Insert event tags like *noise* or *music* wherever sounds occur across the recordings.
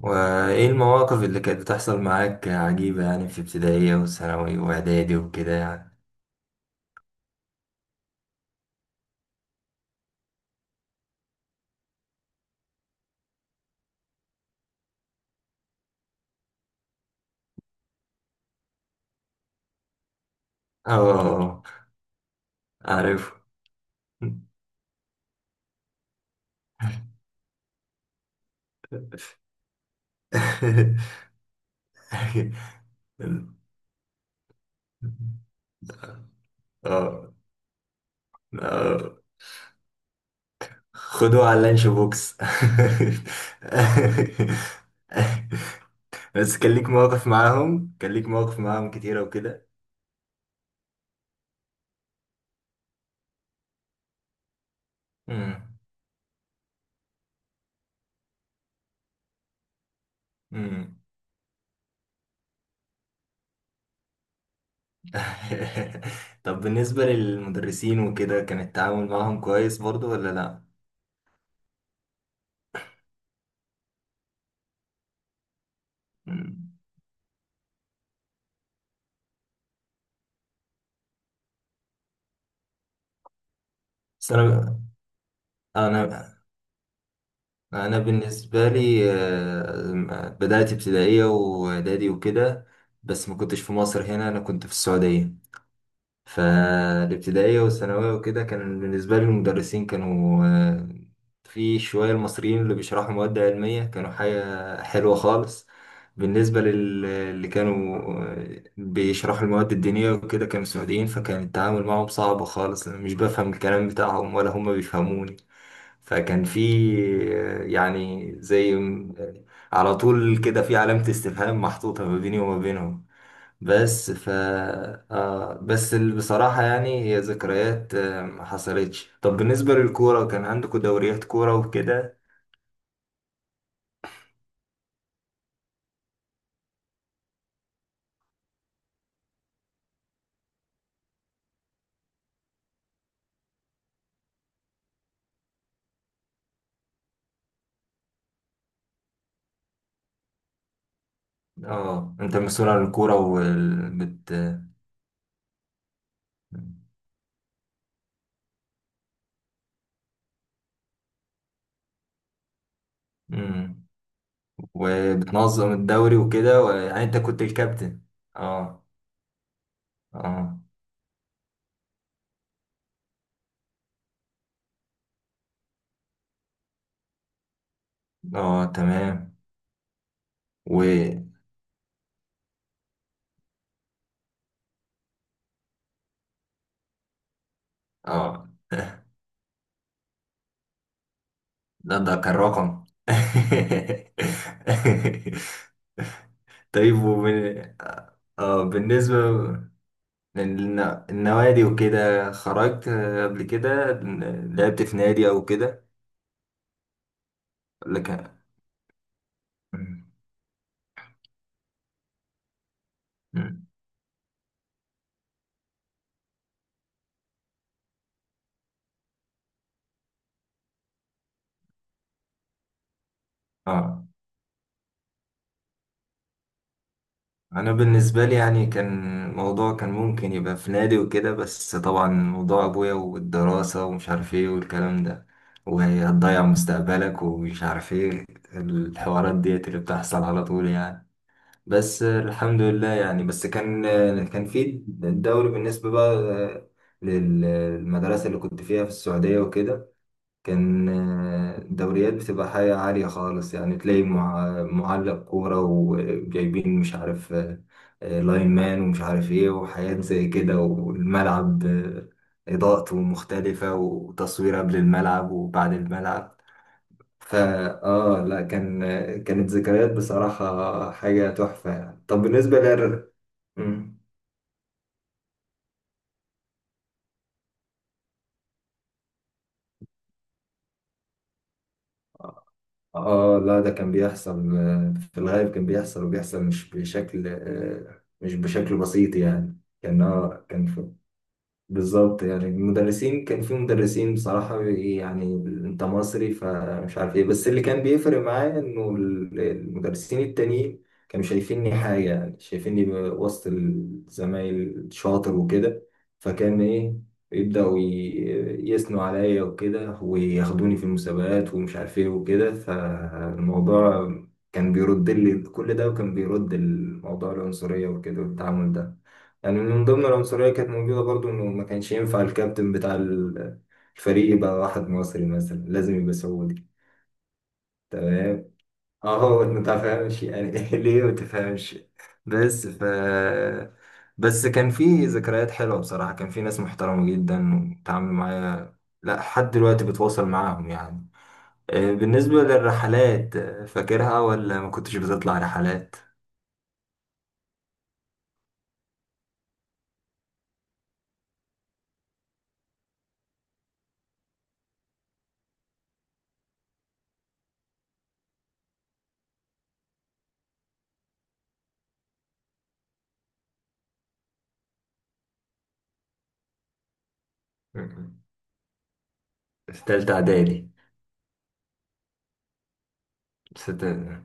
وإيه المواقف اللي كانت بتحصل معاك عجيبة يعني في ابتدائية وثانوي وإعدادي وكده يعني؟ اه عارف *laughs* اه آه. خدوه على اللانش بوكس. *laughs* بس كان ليك مواقف معاهم كتيرة وكده. مم. مم. *laughs* طب بالنسبة للمدرسين وكده كان التعامل معاهم كويس برضو ولا لأ؟ مم. بس أنا أنا انا بالنسبه لي، بدات ابتدائيه واعدادي وكده، بس ما كنتش في مصر هنا، انا كنت في السعوديه. فالابتدائيه والثانويه وكده كان بالنسبه لي المدرسين كانوا في شوية المصريين اللي بيشرحوا مواد علمية كانوا حاجة حلوة خالص. بالنسبة اللي كانوا بيشرحوا المواد الدينية وكده كانوا سعوديين، فكان التعامل معهم صعب خالص، أنا مش بفهم الكلام بتاعهم ولا هم بيفهموني. فكان في يعني على طول كده في علامة استفهام محطوطة ما بيني وما بينهم. بس ف آه بس بصراحة يعني هي ذكريات ما حصلتش. طب بالنسبة للكورة كان عندكم دوريات كورة وكده؟ اه انت مسؤول عن الكورة وال... بت... مم. وبتنظم الدوري وكده و... يعني انت كنت الكابتن؟ اه اه اه تمام و اه. *laughs* ده كان رقم. *laughs* طيب ومن... اه بالنسبة. لأن النوادي وكده خرجت قبل كده، لعبت في نادي أو كده؟ لكن اه أنا بالنسبة لي يعني كان الموضوع كان ممكن يبقى في نادي وكده، بس طبعا موضوع أبويا والدراسة ومش عارف إيه والكلام ده، وهتضيع مستقبلك ومش عارف إيه، الحوارات ديت اللي بتحصل على طول يعني. بس الحمد لله يعني، بس كان في الدوري بالنسبة بقى للمدرسة اللي كنت فيها في السعودية وكده، كان دوريات بتبقى حاجة عالية خالص يعني، تلاقي معلق كورة وجايبين مش عارف لاين مان ومش عارف ايه وحاجات زي كده، والملعب إضاءته مختلفة وتصوير قبل الملعب وبعد الملعب. فا اه لا كان كانت ذكريات بصراحة حاجة تحفة يعني. طب بالنسبة لل مم. اه لا ده كان بيحصل، في الغالب كان بيحصل، وبيحصل مش بشكل مش بشكل بسيط يعني، كان اه كان في بالظبط. يعني المدرسين كان في مدرسين بصراحة يعني، انت مصري فمش عارف ايه، بس اللي كان بيفرق معايا انه المدرسين التانيين كانوا شايفيني حاجة، يعني شايفيني وسط الزمايل شاطر وكده، فكان ايه يبدأوا يثنوا عليا وكده وياخدوني في المسابقات ومش عارف ايه وكده. فالموضوع كان بيرد لي كل ده، وكان بيرد الموضوع العنصرية وكده والتعامل ده. يعني من ضمن العنصرية كانت موجودة برضو، إنه ما كانش ينفع الكابتن بتاع الفريق يبقى واحد مصري مثلا، لازم يبقى سعودي. تمام. أهو ما تفهمش يعني *laughs* ليه ما تفهمش. بس ف بس كان في ذكريات حلوة بصراحة، كان في ناس محترمة جدا وتعاملوا معايا، لا لحد دلوقتي بتواصل معاهم يعني. بالنسبة للرحلات، فاكرها ولا ما كنتش بتطلع رحلات؟ *laughs* في تالتة إعدادي ستة.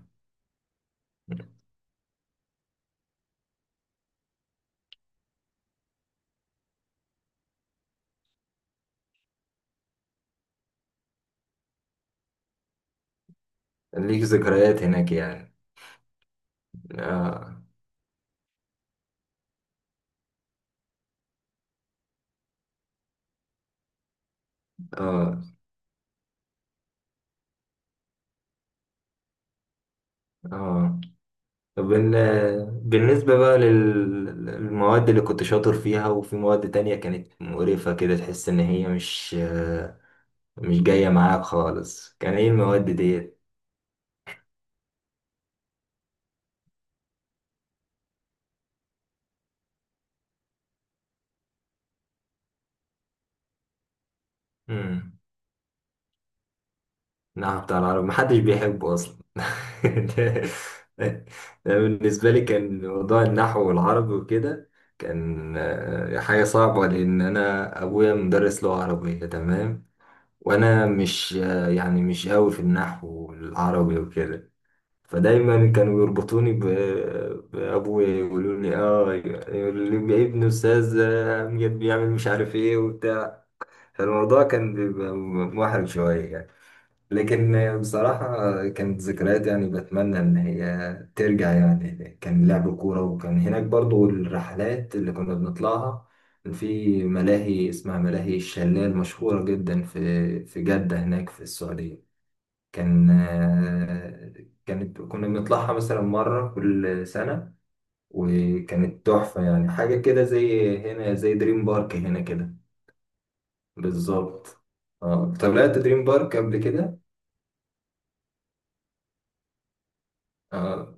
ليك ذكريات هناك يعني؟ اه اه اه. طب بالنسبة بقى للمواد اللي كنت شاطر فيها، وفي مواد تانية كانت مقرفة كده تحس إن هي مش مش جاية معاك خالص، كان إيه المواد ديت؟ مم. نعم بتاع العربي محدش بيحبه أصلا. *laughs* ده ده بالنسبة لي كان موضوع النحو والعربي وكده، كان حاجة صعبة، لأن أنا أبويا مدرس لغة عربية، تمام، وانا مش يعني مش قوي في النحو العربي وكده، فدايما كانوا يربطوني بابويا، يقولوا لي اه يقول لي ابن استاذ امجد بيعمل مش عارف ايه وبتاع، فالموضوع كان بيبقى محرج شويه يعني. لكن بصراحة كانت ذكريات يعني بتمنى إن هي ترجع يعني، كان لعب كورة، وكان هناك برضو الرحلات اللي كنا بنطلعها، كان في ملاهي اسمها ملاهي الشلال مشهورة جدا في جدة هناك في السعودية. كان كانت كنا بنطلعها مثلا مرة كل سنة، وكانت تحفة يعني حاجة كده زي هنا زي دريم بارك هنا كده بالظبط. اه طلعت دريم بارك قبل كده. آه.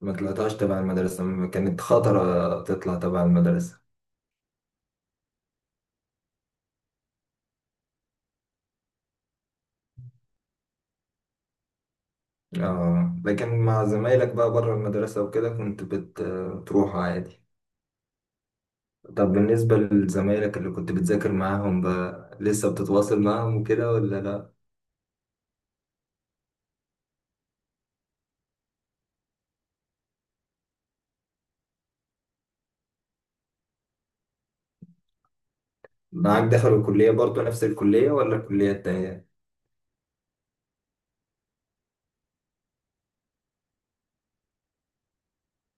ما طلعتهاش تبع المدرسة. كانت خطرة تطلع تبع المدرسة. اه لكن مع زمايلك بقى بره المدرسة وكده كنت بتروح عادي؟ طب بالنسبة لزمايلك اللي كنت بتذاكر معاهم بقى، لسه بتتواصل معاهم وكده ولا لا؟ معاك دخلوا الكلية برضه نفس الكلية ولا الكلية التانية؟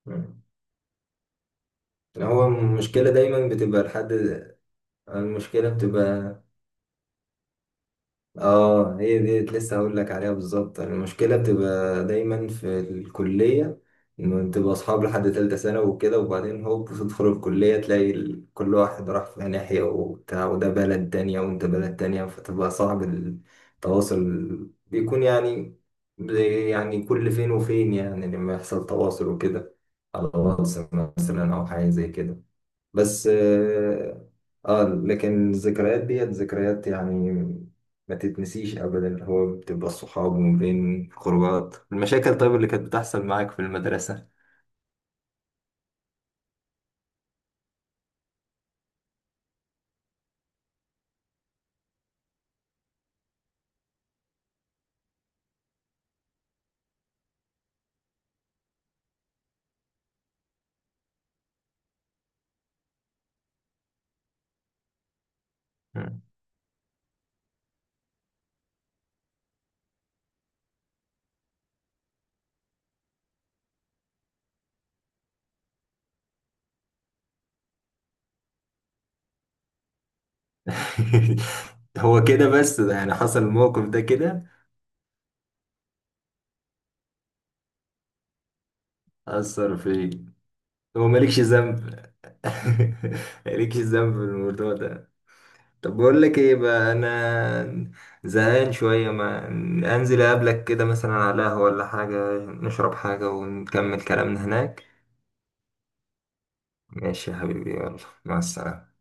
مم. هو المشكلة دايما بتبقى لحد. المشكلة بتبقى. اه هي ديت لسه هقول لك عليها بالظبط، يعني المشكله بتبقى دايما في الكليه، انه تبقى اصحاب لحد تالتة سنه وكده، وبعدين هوب تدخل الكليه تلاقي كل واحد راح في ناحيه وبتاع، وده بلد تانية وانت بلد تانية، فتبقى صعب التواصل، بيكون يعني يعني كل فين وفين يعني لما يحصل تواصل وكده، على واتس مثلا او حاجه زي كده. بس اه لكن الذكريات ديت ذكريات يعني ما تتنسيش ابدا. هو بتبقى الصحاب، وما بين خروجات المشاكل طيب اللي كانت بتحصل معاك في المدرسة. مم. *laughs* هو كده بس؟ ده يعني حصل الموقف ده كده؟ أثر فيك. هو مالكش ذنب. *laughs* مالكش ذنب في الموضوع ده. طب بقول لك ايه بقى، انا زهقان شويه، ما انزل اقابلك كده مثلا على قهوه ولا حاجه، نشرب حاجه ونكمل كلامنا هناك. ماشي يا حبيبي يلا، مع السلامه.